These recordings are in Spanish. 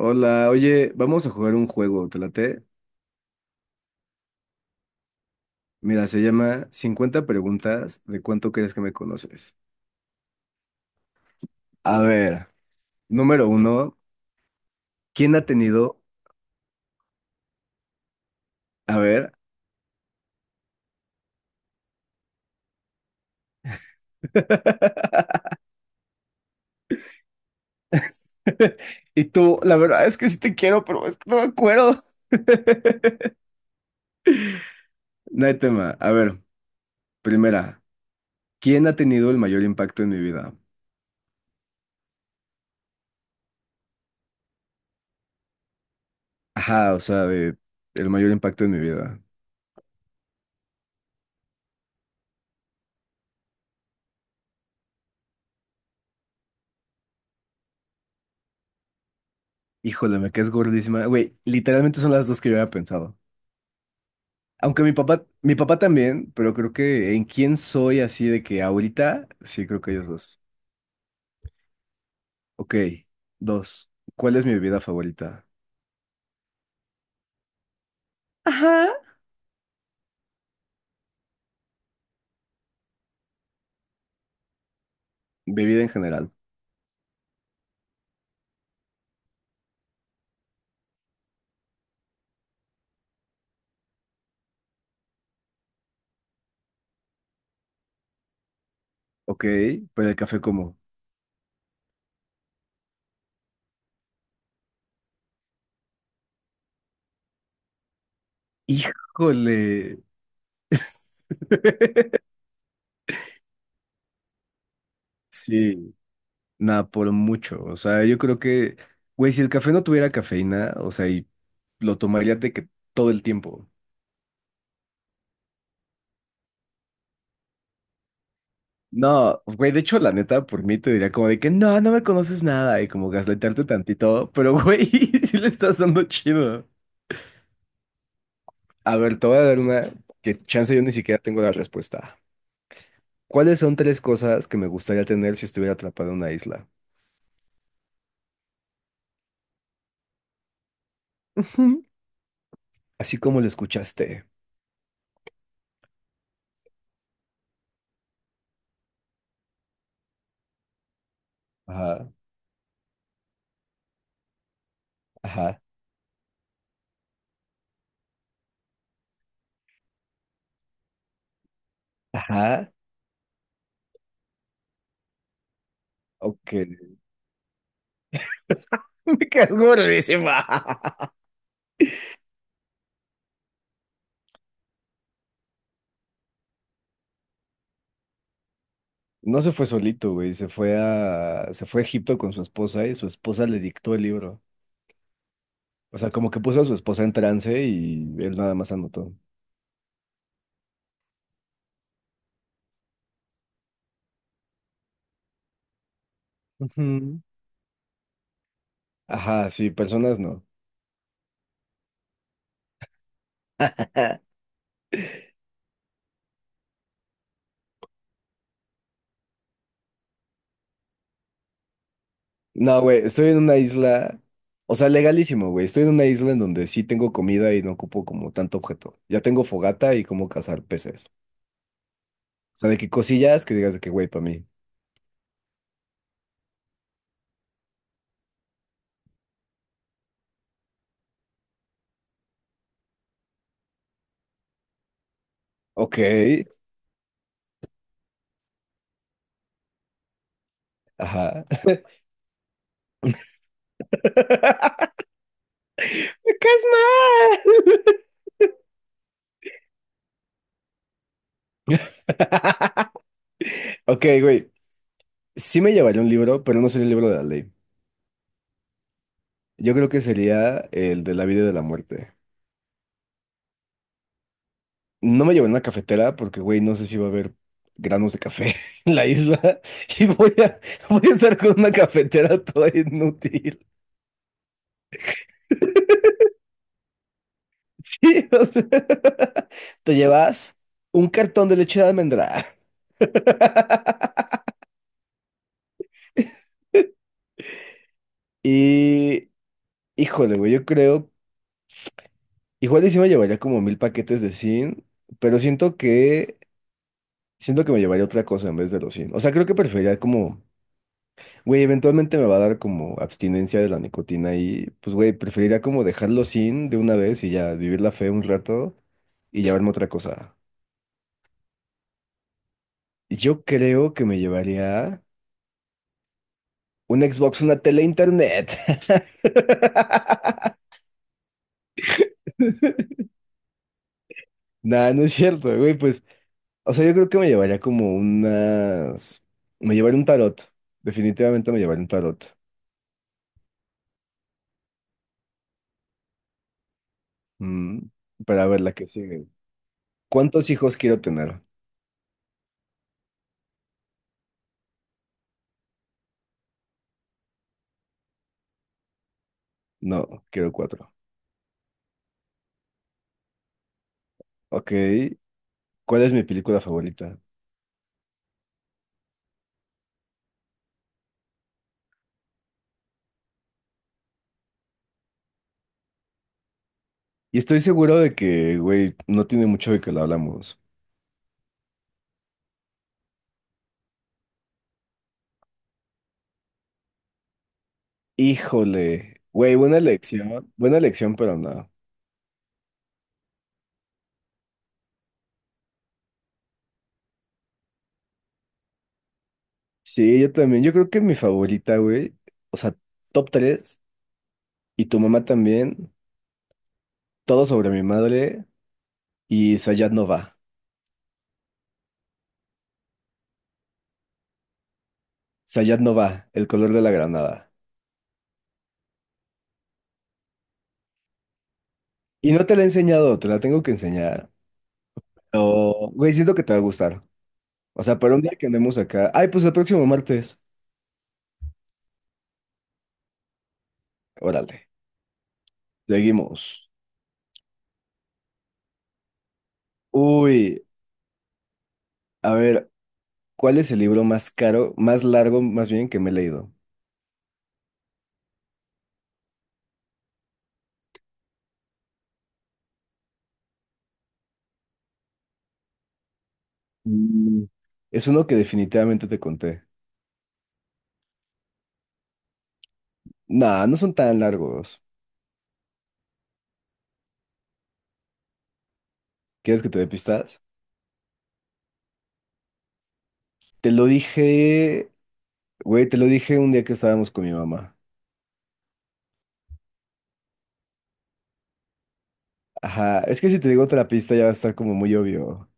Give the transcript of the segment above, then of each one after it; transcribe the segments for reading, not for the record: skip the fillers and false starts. Hola, oye, vamos a jugar un juego, ¿te late? Mira, se llama 50 preguntas de cuánto crees que me conoces. A ver, número uno, ¿quién ha tenido? A ver. Y tú, la verdad es que sí te quiero, pero es que no me acuerdo. No hay tema. A ver, primera, ¿quién ha tenido el mayor impacto en mi vida? Ajá, o sea, de el mayor impacto en mi vida. Híjole, me caes gordísima. Güey, literalmente son las dos que yo había pensado. Aunque mi papá también, pero creo que en quién soy así de que ahorita, sí, creo que ellos dos. Ok, dos. ¿Cuál es mi bebida favorita? Ajá. Bebida en general. Ok, pero el café como. Híjole. Sí, nada, por mucho. O sea, yo creo que, güey, si el café no tuviera cafeína, o sea, y lo tomaría de que todo el tiempo. No, güey, de hecho, la neta, por mí te diría como de que no, no me conoces nada y como gaslightarte tantito, pero güey, sí le estás dando chido. A ver, te voy a dar una que chance yo ni siquiera tengo la respuesta. ¿Cuáles son tres cosas que me gustaría tener si estuviera atrapado en una isla? Ujú. Así como lo escuchaste. Ajá, ajá, ajá. Ok. Me quedas gordísima. No se fue solito, güey, se fue a Egipto con su esposa y su esposa le dictó el libro. O sea, como que puso a su esposa en trance y él nada más anotó. Ujú. Ajá, sí, personas no. No, güey, estoy en una isla, o sea, legalísimo, güey. Estoy en una isla en donde sí tengo comida y no ocupo como tanto objeto. Ya tengo fogata y cómo cazar peces. O sea, de que cosillas que digas de que, güey, para mí. Ok, ajá. ¡Casmar! Ok, güey, sí me llevaría un libro, pero no sería el libro de la ley. Yo creo que sería el de la vida y de la muerte. No me llevo en una cafetera porque, güey, no sé si va a haber granos de café en la isla y voy a estar con una cafetera toda inútil. Sí, o sea, te llevas un cartón de leche de almendra. Y, híjole, güey, yo creo, igual y sí me llevaría como 1.000 paquetes de zinc, pero siento que me llevaría otra cosa en vez de los zinc. O sea, creo que preferiría como güey, eventualmente me va a dar como abstinencia de la nicotina y pues, güey, preferiría como dejarlo sin de una vez y ya vivir la fe un rato y llevarme otra cosa. Yo creo que me llevaría un Xbox, una tele, internet. Nah, no es cierto, güey, pues, o sea, yo creo que me llevaría como unas... Me llevaría un tarot, definitivamente me llevaría un tarot. Mm, para ver la que sigue. ¿Cuántos hijos quiero tener? No, quiero cuatro. Ok, ¿cuál es mi película favorita? Y estoy seguro de que, güey, no tiene mucho de que lo hablamos. Híjole, güey, buena elección, pero no. Sí, yo también, yo creo que mi favorita, güey, o sea, top 3. Y tu mamá también, Todo sobre mi madre, y Sayat no va, El color de la granada. Y no te la he enseñado, te la tengo que enseñar. Pero, güey, siento que te va a gustar. O sea, para un día que andemos acá, ay, pues el próximo martes, órale, seguimos. Uy. A ver, ¿cuál es el libro más caro, más largo, más bien, que me he leído? Mm. Es uno que definitivamente te conté. Nah, no son tan largos. ¿Quieres que te dé pistas? Te lo dije, güey, te lo dije un día que estábamos con mi mamá. Ajá, es que si te digo otra pista ya va a estar como muy obvio.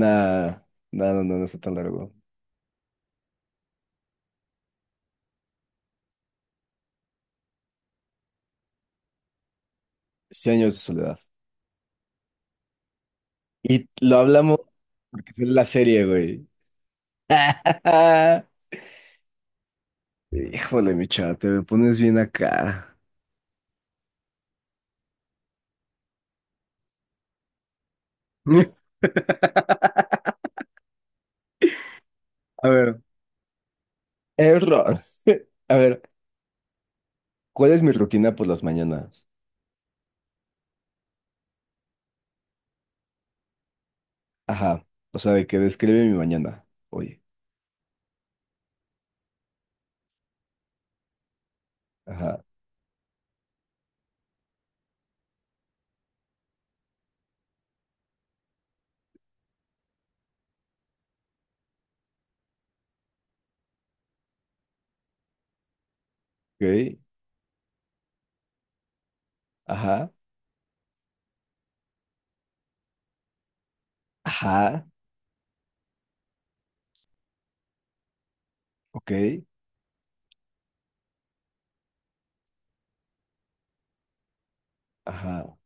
Nah, nah, no, no, no está tan largo. Cien años de soledad. Y lo hablamos porque es la serie, güey. Híjole, mi chava, te me pones bien acá. A ver. Error. A ver, ¿cuál es mi rutina por las mañanas? Ajá. O sea, de que describe mi mañana. Oye. Ajá. Ok. Ajá. Ajá. Ok. Ajá.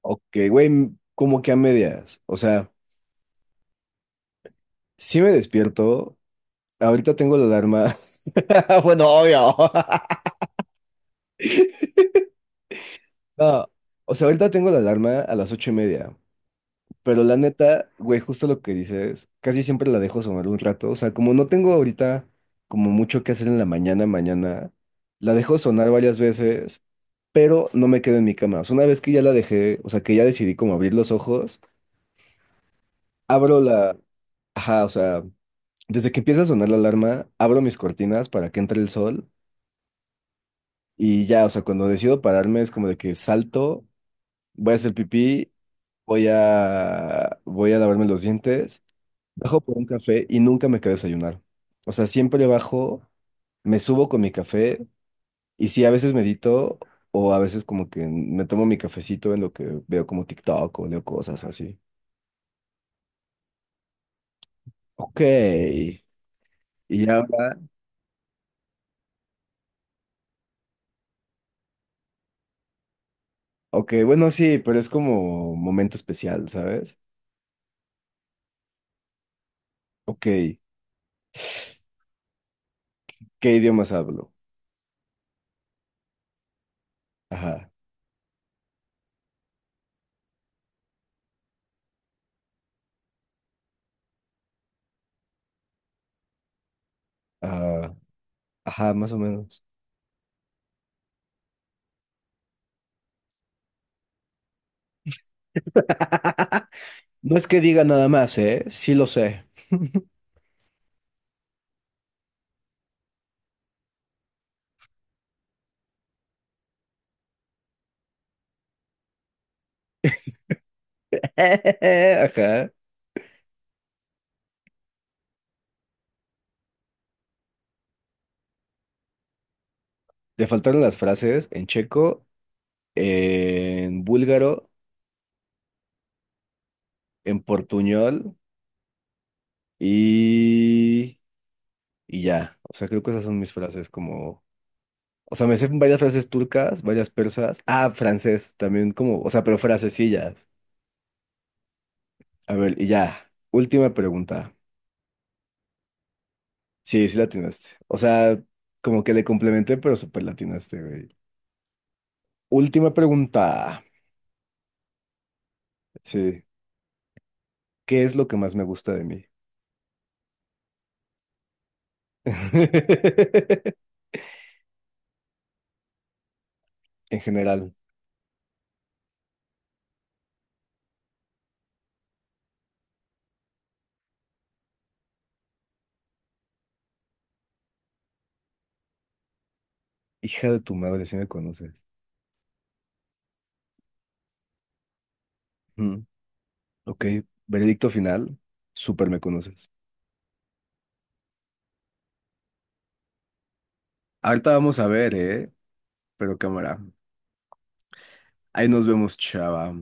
Ok, güey, como que a medias. O sea, sí me despierto. Ahorita tengo la alarma. Bueno, obvio. No. O sea, ahorita tengo la alarma a las 8:30. Pero la neta, güey, justo lo que dices, casi siempre la dejo sonar un rato. O sea, como no tengo ahorita como mucho que hacer en la mañana, la dejo sonar varias veces, pero no me quedo en mi cama. O sea, una vez que ya la dejé, o sea, que ya decidí como abrir los ojos, abro la... Ajá, o sea, desde que empieza a sonar la alarma, abro mis cortinas para que entre el sol y ya, o sea, cuando decido pararme es como de que salto, voy a hacer pipí, voy a lavarme los dientes. Bajo por un café y nunca me quedé a desayunar. O sea, siempre bajo, me subo con mi café y sí, a veces medito o a veces como que me tomo mi cafecito en lo que veo como TikTok o leo cosas así. Ok. Y ahora, ok, bueno, sí, pero es como momento especial, ¿sabes? Ok. ¿Qué idiomas hablo? Ajá. Ah, ajá, más o menos. No es que diga nada más, ¿eh? Sí lo sé. Ajá. Te faltaron las frases en checo en búlgaro, en portuñol y, y ya. O sea, creo que esas son mis frases como... O sea, me sé varias frases turcas, varias persas. Ah, francés también como... O sea, pero frasecillas. A ver, y ya. Última pregunta. Sí, sí la atinaste. O sea, como que le complementé, pero súper la atinaste, güey. Última pregunta. Sí. ¿Qué es lo que más me gusta de mí? En general. Hija de tu madre, si me conoces. Ok, veredicto final. Súper me conoces. Ahorita vamos a ver, ¿eh? Pero cámara. Ahí nos vemos, chava.